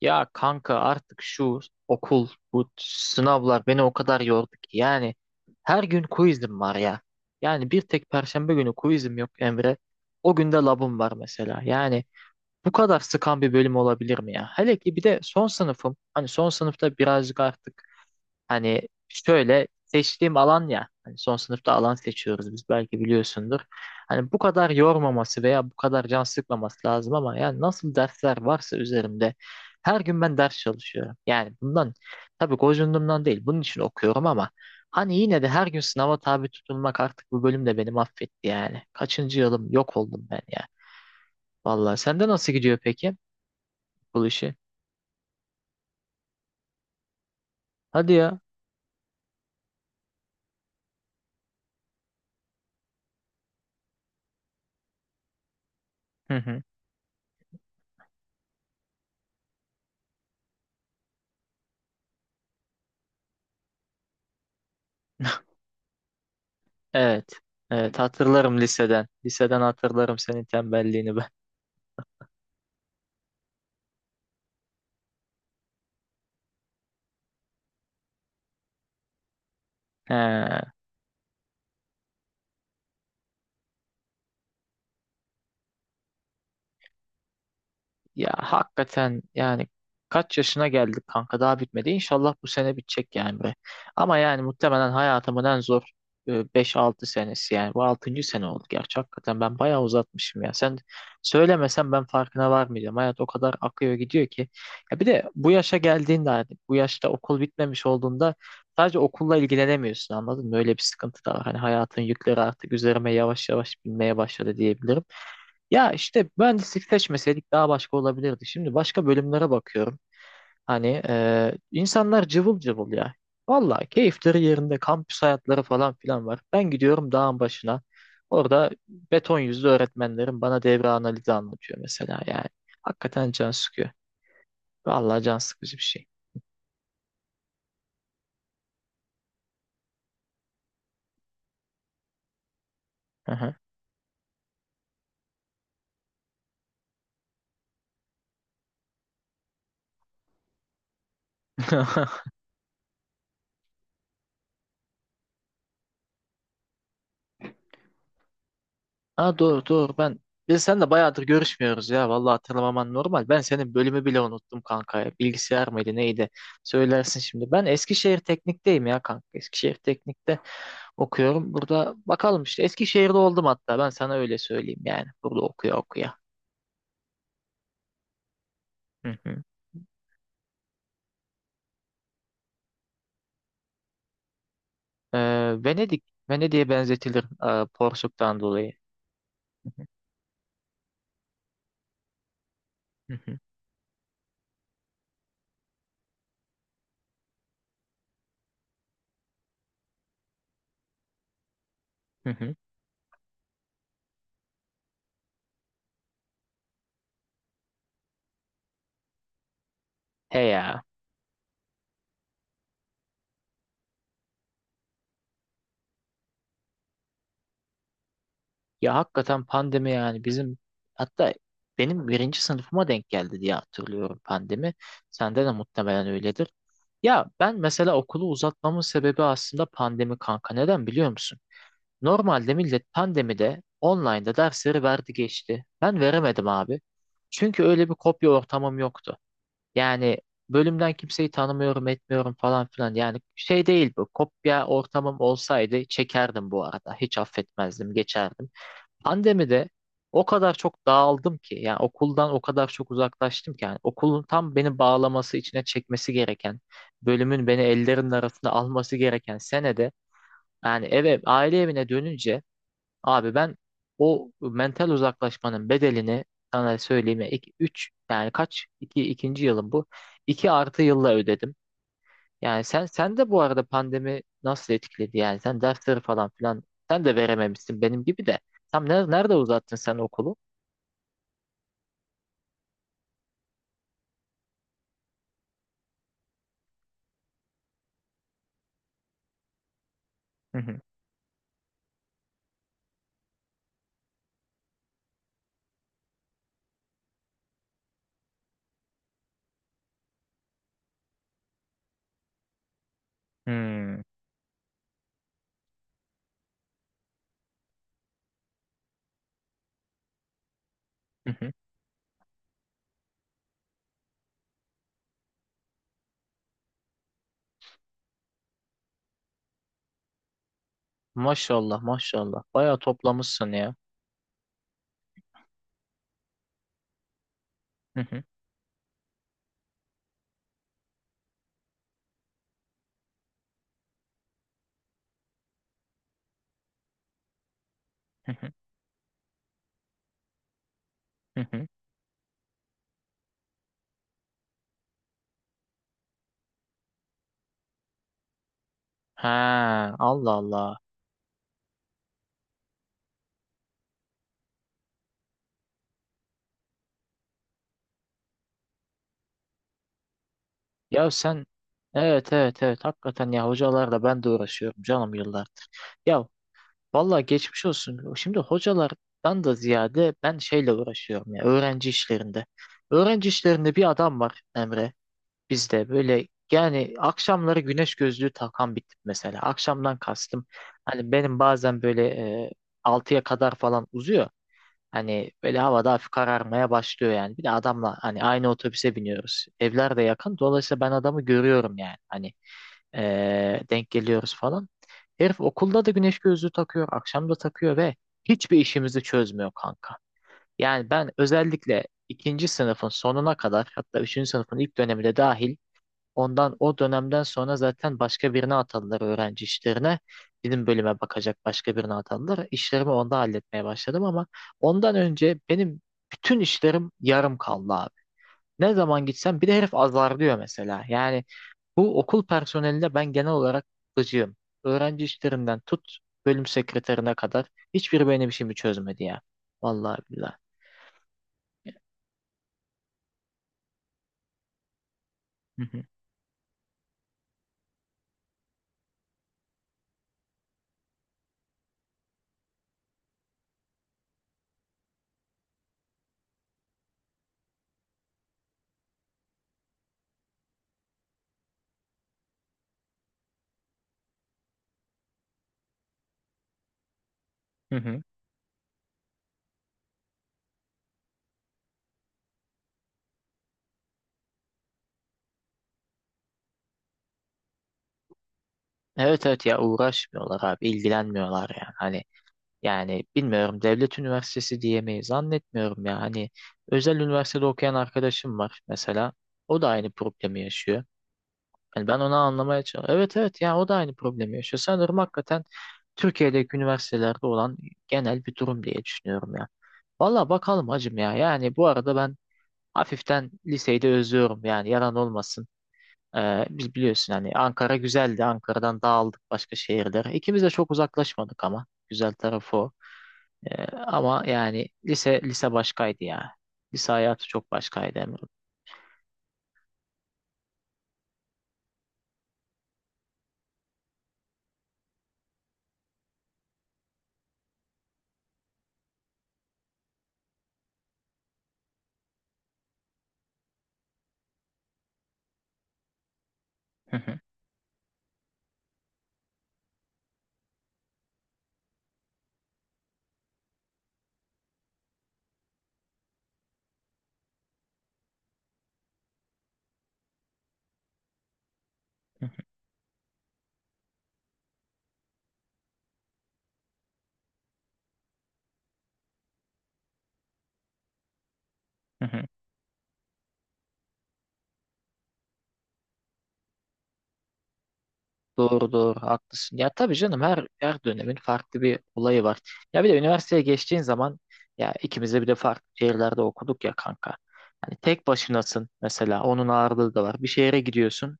Ya kanka artık şu okul, bu sınavlar beni o kadar yordu ki. Yani her gün quizim var ya. Yani bir tek Perşembe günü quizim yok Emre. O günde labım var mesela. Yani bu kadar sıkan bir bölüm olabilir mi ya? Hele ki bir de son sınıfım. Hani son sınıfta birazcık artık hani şöyle seçtiğim alan ya hani son sınıfta alan seçiyoruz biz, belki biliyorsundur. Hani bu kadar yormaması veya bu kadar can sıkmaması lazım, ama yani nasıl dersler varsa üzerimde her gün ben ders çalışıyorum. Yani bundan tabii gocundumdan değil, bunun için okuyorum, ama hani yine de her gün sınava tabi tutulmak, artık bu bölüm de beni affetti yani. Kaçıncı yılım, yok oldum ben ya. Vallahi sende nasıl gidiyor peki bu işi? Hadi ya. Evet. Evet, hatırlarım liseden. Liseden hatırlarım senin tembelliğini ben. He. Ya hakikaten yani kaç yaşına geldik kanka, daha bitmedi. İnşallah bu sene bitecek yani be. Ama yani muhtemelen hayatımın en zor 5-6 senesi yani. Bu altıncı sene oldu gerçi, hakikaten ben bayağı uzatmışım ya. Sen söylemesen ben farkına varmayacağım. Hayat o kadar akıyor gidiyor ki. Ya bir de bu yaşa geldiğinde, hani bu yaşta okul bitmemiş olduğunda sadece okulla ilgilenemiyorsun, anladın mı? Öyle bir sıkıntı da var. Hani hayatın yükleri artık üzerime yavaş yavaş binmeye başladı diyebilirim. Ya işte mühendislik seçmeseydik daha başka olabilirdi. Şimdi başka bölümlere bakıyorum. Hani insanlar cıvıl cıvıl ya. Vallahi keyifleri yerinde, kampüs hayatları falan filan var. Ben gidiyorum dağın başına. Orada beton yüzlü öğretmenlerim bana devre analizi anlatıyor mesela yani. Hakikaten can sıkıyor. Vallahi can sıkıcı bir şey. Hı hı. Ha, doğru doğru, ben biz seninle bayağıdır görüşmüyoruz ya, vallahi hatırlamaman normal. Ben senin bölümü bile unuttum kanka ya. Bilgisayar mıydı neydi? Söylersin şimdi. Ben Eskişehir Teknik'teyim ya kanka. Eskişehir Teknik'te okuyorum. Burada bakalım, işte Eskişehir'de oldum hatta, ben sana öyle söyleyeyim yani. Burada okuya okuya. Hı hı. Venedik, Venedik'e benzetilir Porsuk'tan dolayı. Hı hı. Hı hı. He ya. Ya hakikaten pandemi yani bizim, hatta benim birinci sınıfıma denk geldi diye hatırlıyorum pandemi. Sende de muhtemelen öyledir. Ya ben mesela okulu uzatmamın sebebi aslında pandemi kanka. Neden biliyor musun? Normalde millet pandemide online'da dersleri verdi geçti. Ben veremedim abi. Çünkü öyle bir kopya ortamım yoktu. Yani bölümden kimseyi tanımıyorum etmiyorum falan filan. Yani şey değil bu. Kopya ortamım olsaydı çekerdim bu arada. Hiç affetmezdim, geçerdim. Pandemide o kadar çok dağıldım ki, yani okuldan o kadar çok uzaklaştım ki, yani okulun tam beni bağlaması, içine çekmesi gereken, bölümün beni ellerinin arasına alması gereken senede, yani eve, aile evine dönünce, abi ben o mental uzaklaşmanın bedelini, sana söyleyeyim ya, iki, üç yani kaç, iki, ikinci yılım bu, 2 artı yılla ödedim. Yani sen, sen de bu arada pandemi nasıl etkiledi, yani sen dersleri falan filan sen de verememişsin benim gibi de. Tam nerede uzattın sen okulu? Hı hı. Hmm. Hı hı. Maşallah maşallah. Bayağı toplamışsın ya. Hı hı. Hı hı. Hı hı. Ha, Allah Allah. Ya sen, evet evet evet, hakikaten ya, hocalarla ben de uğraşıyorum canım yıllardır. Ya vallahi geçmiş olsun. Şimdi hocalardan da ziyade ben şeyle uğraşıyorum ya, öğrenci işlerinde. Öğrenci işlerinde bir adam var Emre. Bizde böyle, yani akşamları güneş gözlüğü takan bir tip mesela. Akşamdan kastım, hani benim bazen böyle e, 6'ya kadar falan uzuyor. Hani böyle havada hafif kararmaya başlıyor yani. Bir de adamla hani aynı otobüse biniyoruz. Evler de yakın. Dolayısıyla ben adamı görüyorum yani. Hani denk geliyoruz falan. Herif okulda da güneş gözlüğü takıyor. Akşam da takıyor ve hiçbir işimizi çözmüyor kanka. Yani ben özellikle ikinci sınıfın sonuna kadar, hatta üçüncü sınıfın ilk döneminde dahil, ondan, o dönemden sonra zaten başka birine atadılar öğrenci işlerine. Bizim bölüme bakacak başka birine atadılar. İşlerimi onda halletmeye başladım, ama ondan önce benim bütün işlerim yarım kaldı abi. Ne zaman gitsem bir de herif azarlıyor mesela. Yani bu okul personeline ben genel olarak gıcığım. Öğrenci işlerinden tut, bölüm sekreterine kadar hiçbiri benim işimi çözmedi ya. Vallahi billahi. Hı hı. Hı hı. Evet evet, ya uğraşmıyorlar abi, ilgilenmiyorlar yani. Hani yani bilmiyorum, devlet üniversitesi diyemeyiz, zannetmiyorum ya. Hani özel üniversitede okuyan arkadaşım var mesela. O da aynı problemi yaşıyor. Hani ben onu anlamaya çalışıyorum. Evet evet, ya o da aynı problemi yaşıyor. Sanırım hakikaten Türkiye'deki üniversitelerde olan genel bir durum diye düşünüyorum ya. Valla bakalım hacım ya. Yani bu arada ben hafiften liseyi de özlüyorum yani, yalan olmasın. Biz biliyorsun hani, Ankara güzeldi. Ankara'dan dağıldık başka şehirlere. İkimiz de çok uzaklaşmadık ama. Güzel tarafı o. Ama yani lise başkaydı ya. Lise hayatı çok başkaydı Emre. Doğru doğru, haklısın. Ya tabii canım, her dönemin farklı bir olayı var. Ya bir de üniversiteye geçtiğin zaman, ya ikimiz de bir de farklı şehirlerde okuduk ya kanka. Hani tek başınasın mesela, onun ağırlığı da var. Bir şehre gidiyorsun,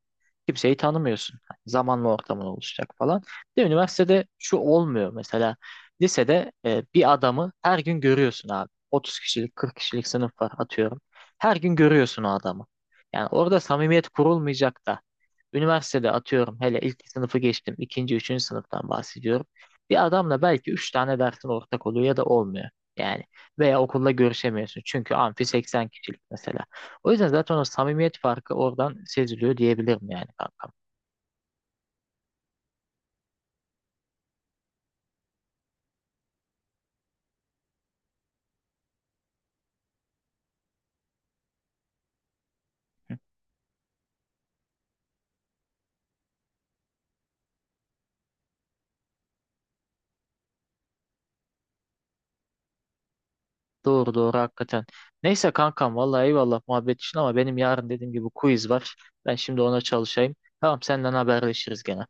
kimseyi tanımıyorsun. Hani zamanla ortamın oluşacak falan. Bir de üniversitede şu olmuyor mesela, lisede bir adamı her gün görüyorsun abi. 30 kişilik, 40 kişilik sınıf var atıyorum. Her gün görüyorsun o adamı. Yani orada samimiyet kurulmayacak da. Üniversitede atıyorum, hele ilk sınıfı geçtim, ikinci, üçüncü sınıftan bahsediyorum. Bir adamla belki üç tane dersin ortak oluyor ya da olmuyor. Yani veya okulda görüşemiyorsun. Çünkü amfi 80 kişilik mesela. O yüzden zaten o samimiyet farkı oradan seziliyor diyebilirim yani kankam. Hı. Doğru doğru, hakikaten. Neyse kankam, vallahi eyvallah muhabbet için ama benim yarın dediğim gibi quiz var. Ben şimdi ona çalışayım. Tamam, senden haberleşiriz gene.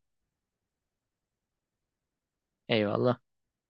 Eyvallah.